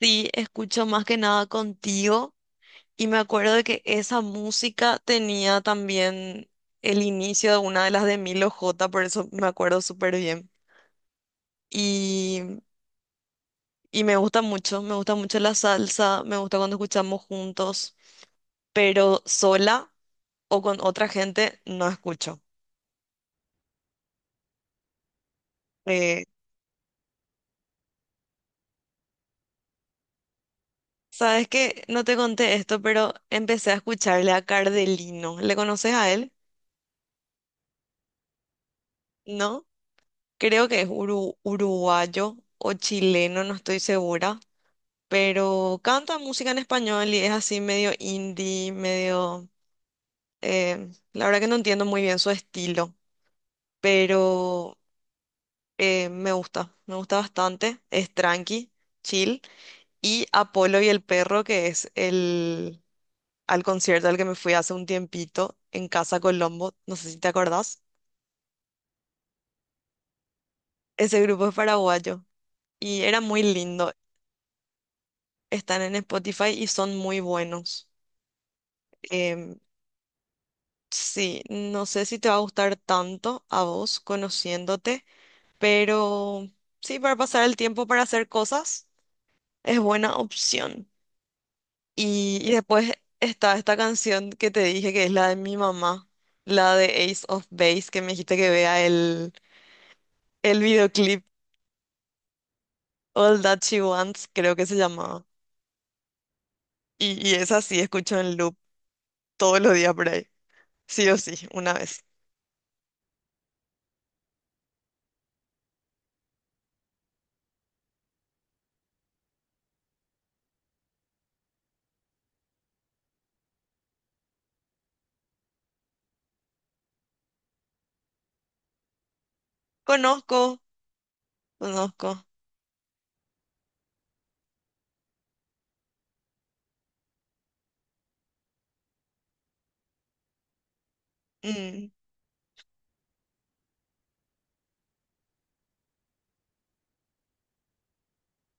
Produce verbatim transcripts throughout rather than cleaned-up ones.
Sí, escucho más que nada contigo y me acuerdo de que esa música tenía también el inicio de una de las de Milo J, por eso me acuerdo súper bien. Y, y me gusta mucho, me gusta mucho la salsa, me gusta cuando escuchamos juntos, pero sola o con otra gente no escucho. Eh, ¿Sabes qué? No te conté esto, pero empecé a escucharle a Cardelino. ¿Le conoces a él? ¿No? Creo que es uru- uruguayo o chileno, no estoy segura, pero canta música en español y es así medio indie, medio... eh, la verdad que no entiendo muy bien su estilo, pero eh, me gusta, me gusta bastante. Es tranqui, chill. Y Apolo y el perro, que es el... al concierto al que me fui hace un tiempito en Casa Colombo, no sé si te acordás. Ese grupo es paraguayo y era muy lindo. Están en Spotify y son muy buenos. Em, sí, no sé si te va a gustar tanto a vos conociéndote, pero sí, para pasar el tiempo para hacer cosas es buena opción. Y, y después está esta canción que te dije que es la de mi mamá, la de Ace of Base, que me dijiste que vea el, el videoclip All That She Wants, creo que se llamaba. Y, y esa sí escucho en loop todos los días por ahí, sí o sí, una vez. Conozco, conozco. Mm,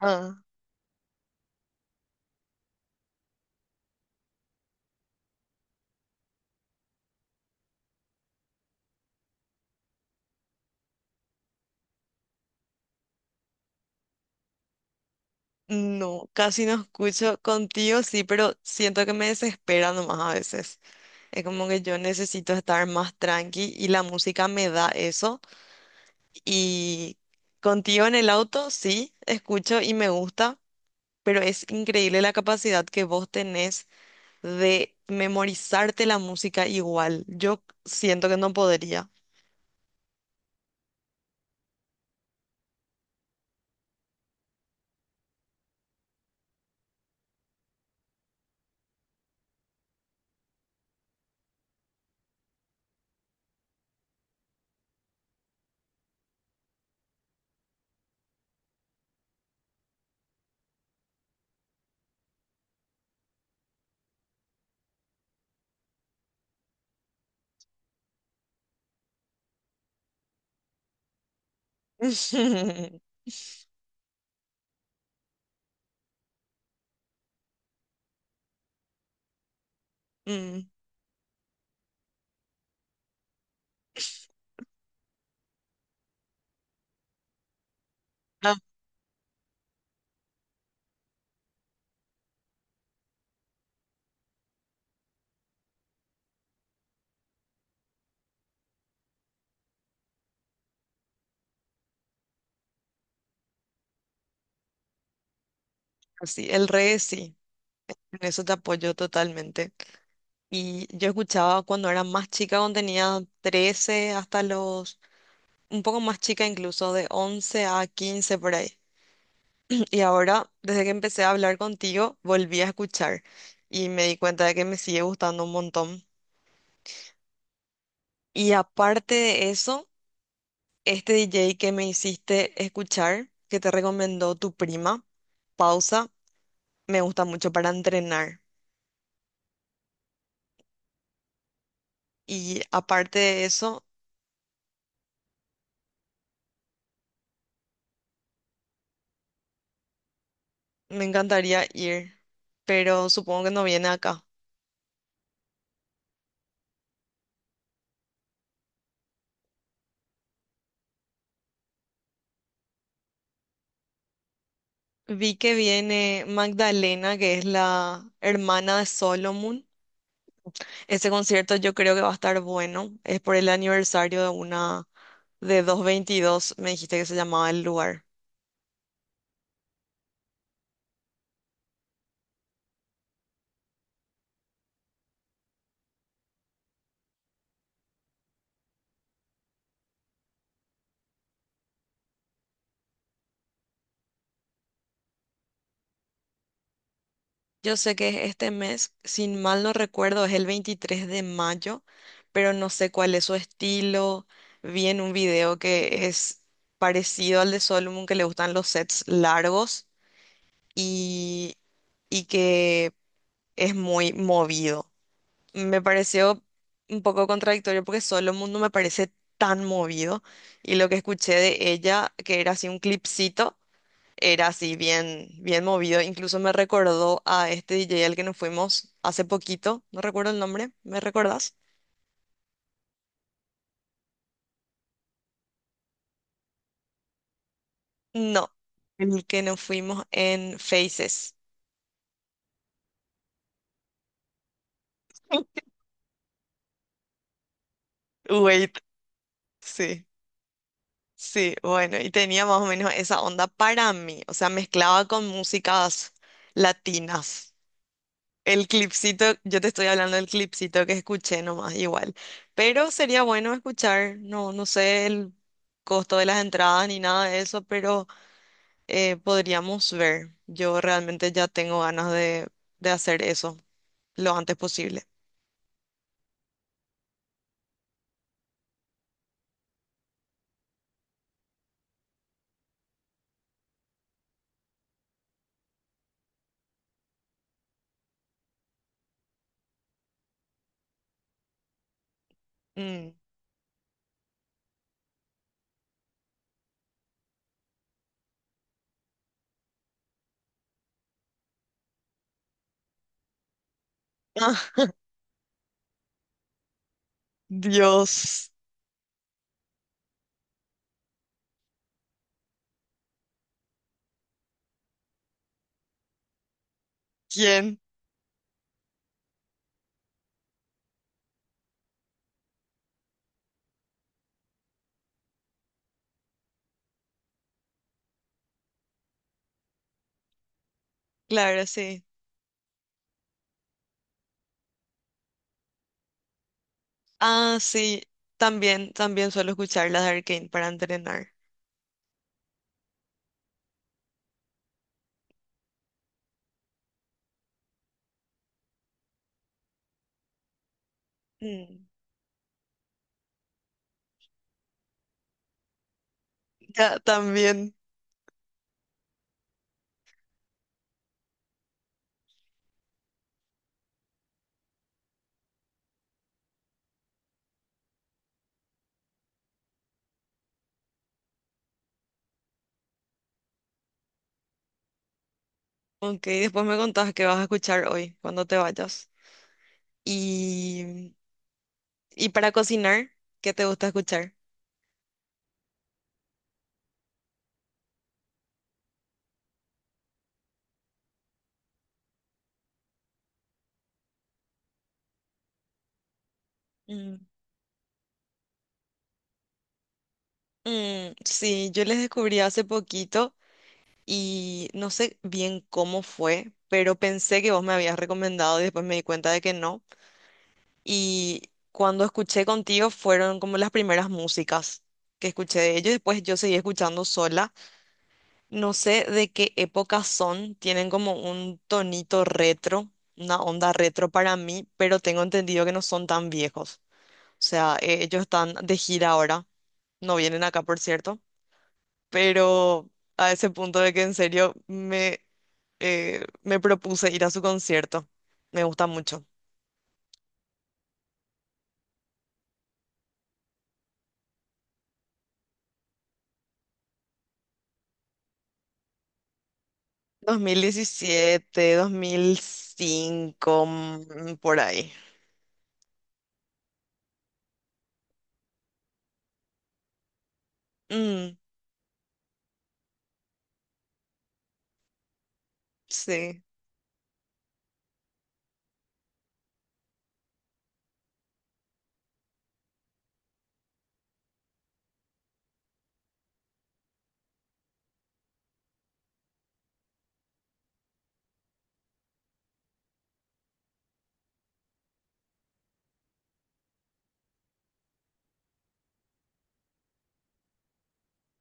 ah. No, casi no escucho contigo, sí, pero siento que me desespera nomás a veces. Es como que yo necesito estar más tranqui y la música me da eso. Y contigo en el auto, sí, escucho y me gusta, pero es increíble la capacidad que vos tenés de memorizarte la música igual. Yo siento que no podría. Mm, ah, sí, el reggae sí. En eso te apoyo totalmente. Y yo escuchaba cuando era más chica, cuando tenía trece hasta los, un poco más chica incluso, de once a quince por ahí. Y ahora, desde que empecé a hablar contigo, volví a escuchar y me di cuenta de que me sigue gustando un montón. Y aparte de eso, este D J que me hiciste escuchar, que te recomendó tu prima, Pausa, me gusta mucho para entrenar. Y aparte de eso, me encantaría ir, pero supongo que no viene acá. Vi que viene Magdalena, que es la hermana de Solomon. Ese concierto yo creo que va a estar bueno. Es por el aniversario de una de doscientos veintidós, me dijiste que se llamaba el lugar. Yo sé que es este mes, sin mal no recuerdo, es el veintitrés de mayo, pero no sé cuál es su estilo. Vi en un video que es parecido al de Solomon, que le gustan los sets largos y, y que es muy movido. Me pareció un poco contradictorio porque Solo Mundo me parece tan movido y lo que escuché de ella, que era así un clipcito, era así bien, bien movido. Incluso me recordó a este D J al que nos fuimos hace poquito, no recuerdo el nombre, ¿me recordás? No, el que nos fuimos en Faces. Wait, sí. Sí, bueno, y tenía más o menos esa onda para mí, o sea, mezclaba con músicas latinas. El clipcito, yo te estoy hablando del clipcito que escuché nomás, igual, pero sería bueno escuchar, no, no sé el costo de las entradas ni nada de eso, pero eh, podríamos ver. Yo realmente ya tengo ganas de, de hacer eso lo antes posible. Mm. Dios, ¿quién? Claro, sí. Ah, sí, también, también suelo escuchar las de Arcane para entrenar. Mm, ya, también. Ok, después me contás qué vas a escuchar hoy cuando te vayas. Y, y para cocinar, ¿qué te gusta escuchar? Mm. Mm, sí, yo les descubrí hace poquito y no sé bien cómo fue, pero pensé que vos me habías recomendado y después me di cuenta de que no. Y cuando escuché contigo fueron como las primeras músicas que escuché de ellos, después yo seguí escuchando sola. No sé de qué época son, tienen como un tonito retro, una onda retro para mí, pero tengo entendido que no son tan viejos. O sea, eh, ellos están de gira ahora, no vienen acá, por cierto, pero a ese punto de que en serio me, eh, me propuse ir a su concierto. Me gusta mucho. dos mil diecisiete, dos mil cinco, mm, por ahí. Mm, sí.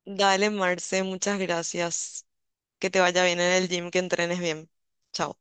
Dale, Marce, muchas gracias. Que te vaya bien en el gym, que entrenes bien. Chao.